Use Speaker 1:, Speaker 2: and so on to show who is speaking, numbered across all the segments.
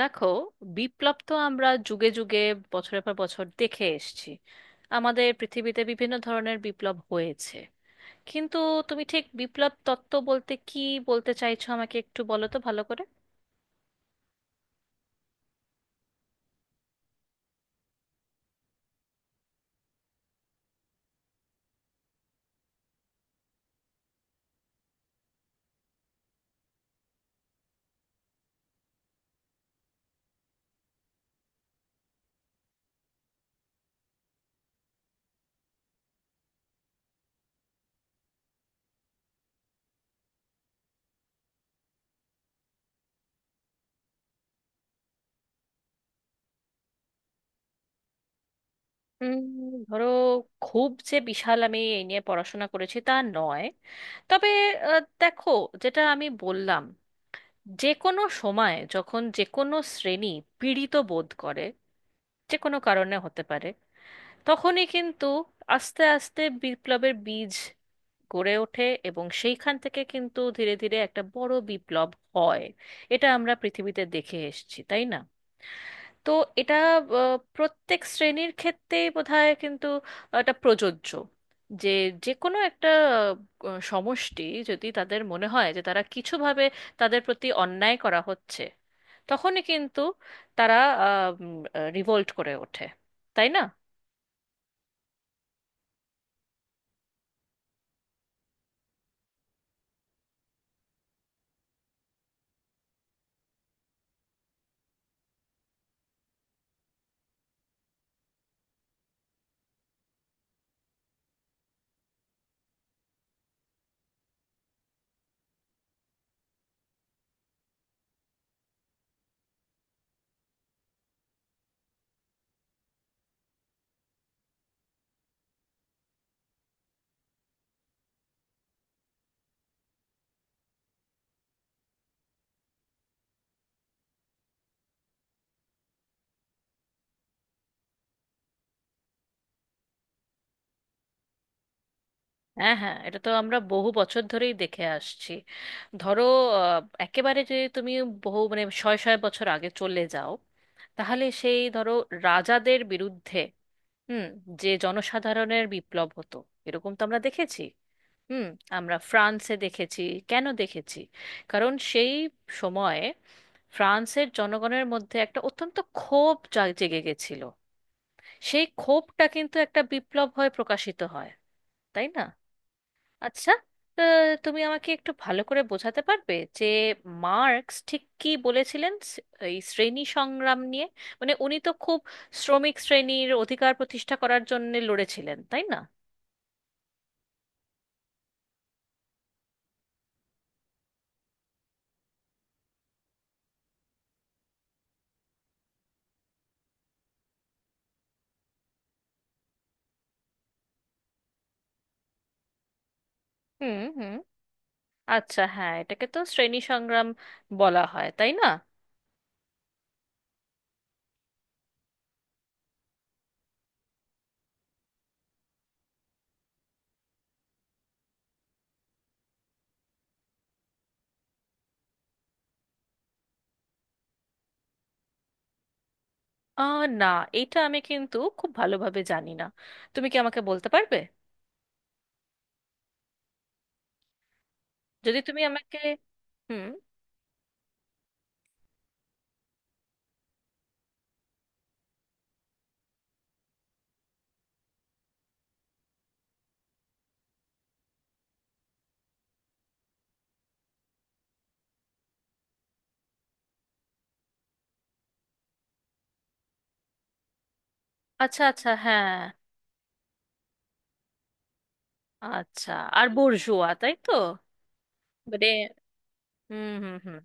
Speaker 1: দেখো, বিপ্লব তো আমরা যুগে যুগে বছরের পর বছর দেখে এসেছি। আমাদের পৃথিবীতে বিভিন্ন ধরনের বিপ্লব হয়েছে, কিন্তু তুমি ঠিক বিপ্লব তত্ত্ব বলতে কি বলতে চাইছো আমাকে একটু বলো তো ভালো করে। উম, ধরো, খুব যে বিশাল আমি এই নিয়ে পড়াশোনা করেছি তা নয়, তবে দেখো, যেটা আমি বললাম, যে কোনো সময় যখন যে কোনো শ্রেণী পীড়িত বোধ করে, যে কোনো কারণে হতে পারে, তখনই কিন্তু আস্তে আস্তে বিপ্লবের বীজ গড়ে ওঠে, এবং সেইখান থেকে কিন্তু ধীরে ধীরে একটা বড় বিপ্লব হয়। এটা আমরা পৃথিবীতে দেখে এসেছি, তাই না? তো এটা প্রত্যেক শ্রেণীর ক্ষেত্রেই বোধহয় কিন্তু এটা প্রযোজ্য, যে যে কোনো একটা সমষ্টি যদি তাদের মনে হয় যে তারা কিছুভাবে তাদের প্রতি অন্যায় করা হচ্ছে, তখনই কিন্তু তারা রিভোল্ট করে ওঠে, তাই না? হ্যাঁ, হ্যাঁ, এটা তো আমরা বহু বছর ধরেই দেখে আসছি। ধরো, আহ, একেবারে যে তুমি বহু মানে শয়ে শয়ে বছর আগে চলে যাও, তাহলে সেই ধরো রাজাদের বিরুদ্ধে। হুম। যে জনসাধারণের বিপ্লব হতো, এরকম তো আমরা দেখেছি। হুম। আমরা ফ্রান্সে দেখেছি। কেন দেখেছি? কারণ সেই সময়ে ফ্রান্সের জনগণের মধ্যে একটা অত্যন্ত ক্ষোভ জেগে গেছিল। সেই ক্ষোভটা কিন্তু একটা বিপ্লব হয়ে প্রকাশিত হয়, তাই না? আচ্ছা, তুমি আমাকে একটু ভালো করে বোঝাতে পারবে যে মার্কস ঠিক কি বলেছিলেন এই শ্রেণী সংগ্রাম নিয়ে? মানে উনি তো খুব শ্রমিক শ্রেণীর অধিকার প্রতিষ্ঠা করার জন্য লড়েছিলেন, তাই না? হুম, হুম। আচ্ছা, হ্যাঁ, এটাকে তো শ্রেণী সংগ্রাম বলা হয়, তাই না? আহ, না, এটা আমি কিন্তু খুব ভালোভাবে জানি না। তুমি কি আমাকে বলতে পারবে যদি তুমি আমাকে। হুম। আচ্ছা, আচ্ছা, হ্যাঁ। আচ্ছা, আর বোর্জোয়া, তাই তো? মানে হুম, হুম, হুম।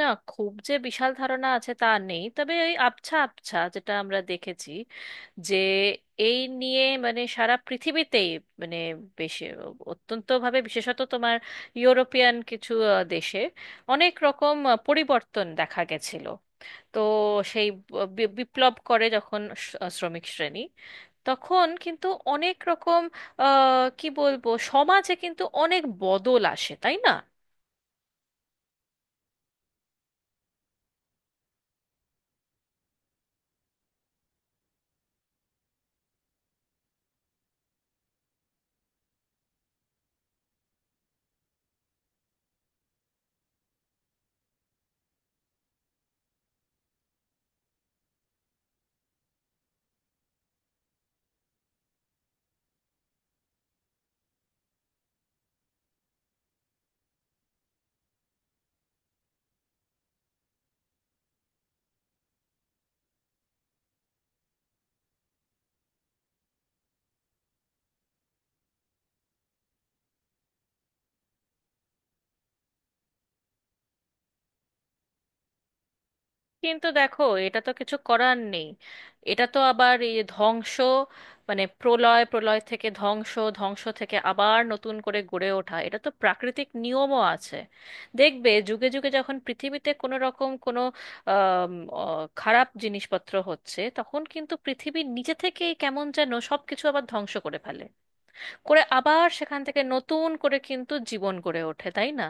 Speaker 1: না, খুব যে বিশাল ধারণা আছে তা নেই, তবে ওই আবছা আবছা যেটা আমরা দেখেছি, যে এই নিয়ে মানে সারা পৃথিবীতেই, মানে বেশ অত্যন্তভাবে বিশেষত তোমার ইউরোপিয়ান কিছু দেশে অনেক রকম পরিবর্তন দেখা গেছিল। তো সেই বিপ্লব করে যখন শ্রমিক শ্রেণী, তখন কিন্তু অনেক রকম কি বলবো, সমাজে কিন্তু অনেক বদল আসে, তাই না? কিন্তু দেখো, এটা তো কিছু করার নেই। এটা তো আবার এই ধ্বংস, মানে প্রলয়, প্রলয় থেকে ধ্বংস, ধ্বংস থেকে আবার নতুন করে গড়ে ওঠা, এটা তো প্রাকৃতিক নিয়মও আছে। দেখবে যুগে যুগে যখন পৃথিবীতে কোনো রকম কোনো আম, অ, খারাপ জিনিসপত্র হচ্ছে, তখন কিন্তু পৃথিবী নিজে থেকেই কেমন যেন সব কিছু আবার ধ্বংস করে ফেলে, করে আবার সেখান থেকে নতুন করে কিন্তু জীবন গড়ে ওঠে, তাই না?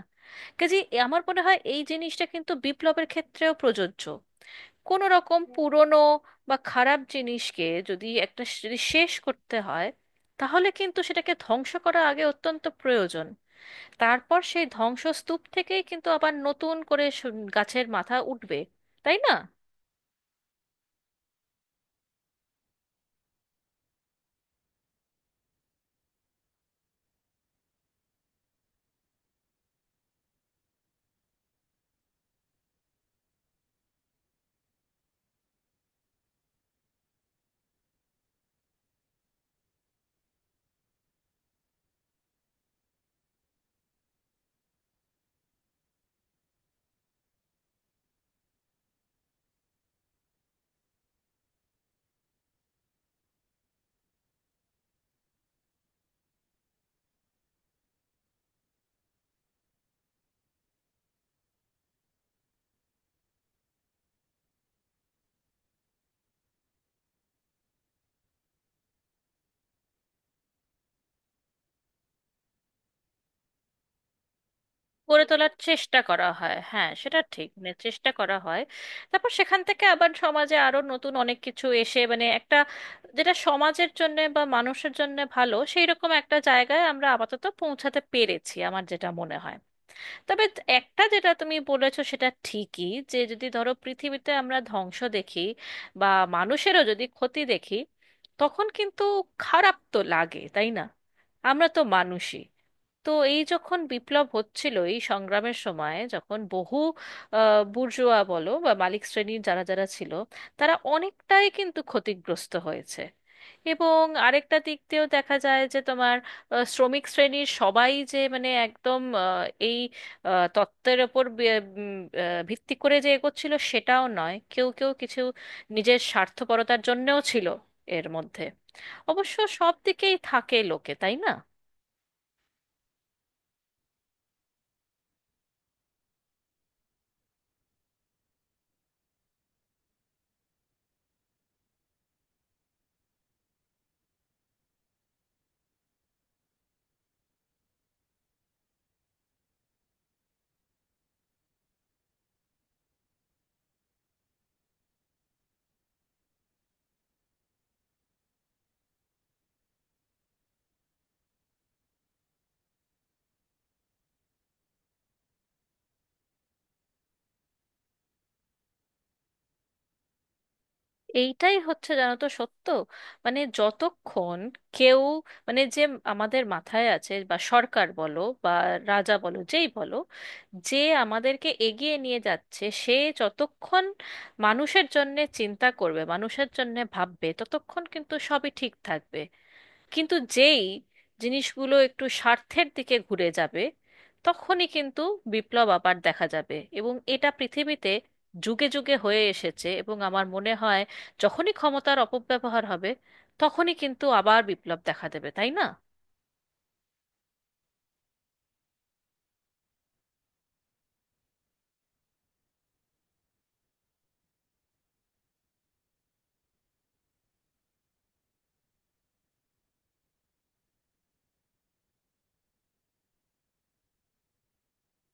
Speaker 1: কাজে আমার মনে হয় এই জিনিসটা কিন্তু বিপ্লবের ক্ষেত্রেও প্রযোজ্য। কোনো রকম পুরনো বা খারাপ জিনিসকে যদি একটা যদি শেষ করতে হয়, তাহলে কিন্তু সেটাকে ধ্বংস করা আগে অত্যন্ত প্রয়োজন। তারপর সেই ধ্বংসস্তূপ থেকেই কিন্তু আবার নতুন করে গাছের মাথা উঠবে, তাই না? গড়ে তোলার চেষ্টা করা হয়, হ্যাঁ, সেটা ঠিক, মানে চেষ্টা করা হয়। তারপর সেখান থেকে আবার সমাজে আরো নতুন অনেক কিছু এসে মানে একটা, যেটা সমাজের জন্য বা মানুষের জন্য ভালো, সেই রকম একটা জায়গায় আমরা আপাতত পৌঁছাতে পেরেছি, আমার যেটা মনে হয়। তবে একটা যেটা তুমি বলেছো সেটা ঠিকই, যে যদি ধরো পৃথিবীতে আমরা ধ্বংস দেখি বা মানুষেরও যদি ক্ষতি দেখি, তখন কিন্তু খারাপ তো লাগে, তাই না? আমরা তো মানুষই। তো এই যখন বিপ্লব হচ্ছিল, এই সংগ্রামের সময় যখন বহু বুর্জোয়া বলো বা মালিক শ্রেণীর যারা যারা ছিল, তারা অনেকটাই কিন্তু ক্ষতিগ্রস্ত হয়েছে। এবং আরেকটা দিক দিয়েও দেখা যায় যে তোমার শ্রমিক শ্রেণীর সবাই যে মানে একদম এই তত্ত্বের ওপর ভিত্তি করে যে এগোচ্ছিল সেটাও নয়, কেউ কেউ কিছু নিজের স্বার্থপরতার জন্যেও ছিল এর মধ্যে। অবশ্য সব দিকেই থাকে লোকে, তাই না? এইটাই হচ্ছে জানো তো সত্য। মানে যতক্ষণ কেউ, মানে যে আমাদের মাথায় আছে, বা সরকার বলো বা রাজা বলো যেই বলো, যে আমাদেরকে এগিয়ে নিয়ে যাচ্ছে, সে যতক্ষণ মানুষের জন্যে চিন্তা করবে, মানুষের জন্যে ভাববে, ততক্ষণ কিন্তু সবই ঠিক থাকবে। কিন্তু যেই জিনিসগুলো একটু স্বার্থের দিকে ঘুরে যাবে, তখনই কিন্তু বিপ্লব আবার দেখা যাবে। এবং এটা পৃথিবীতে যুগে যুগে হয়ে এসেছে, এবং আমার মনে হয় যখনই ক্ষমতার অপব্যবহার হবে, তখনই কিন্তু আবার বিপ্লব দেখা দেবে, তাই না?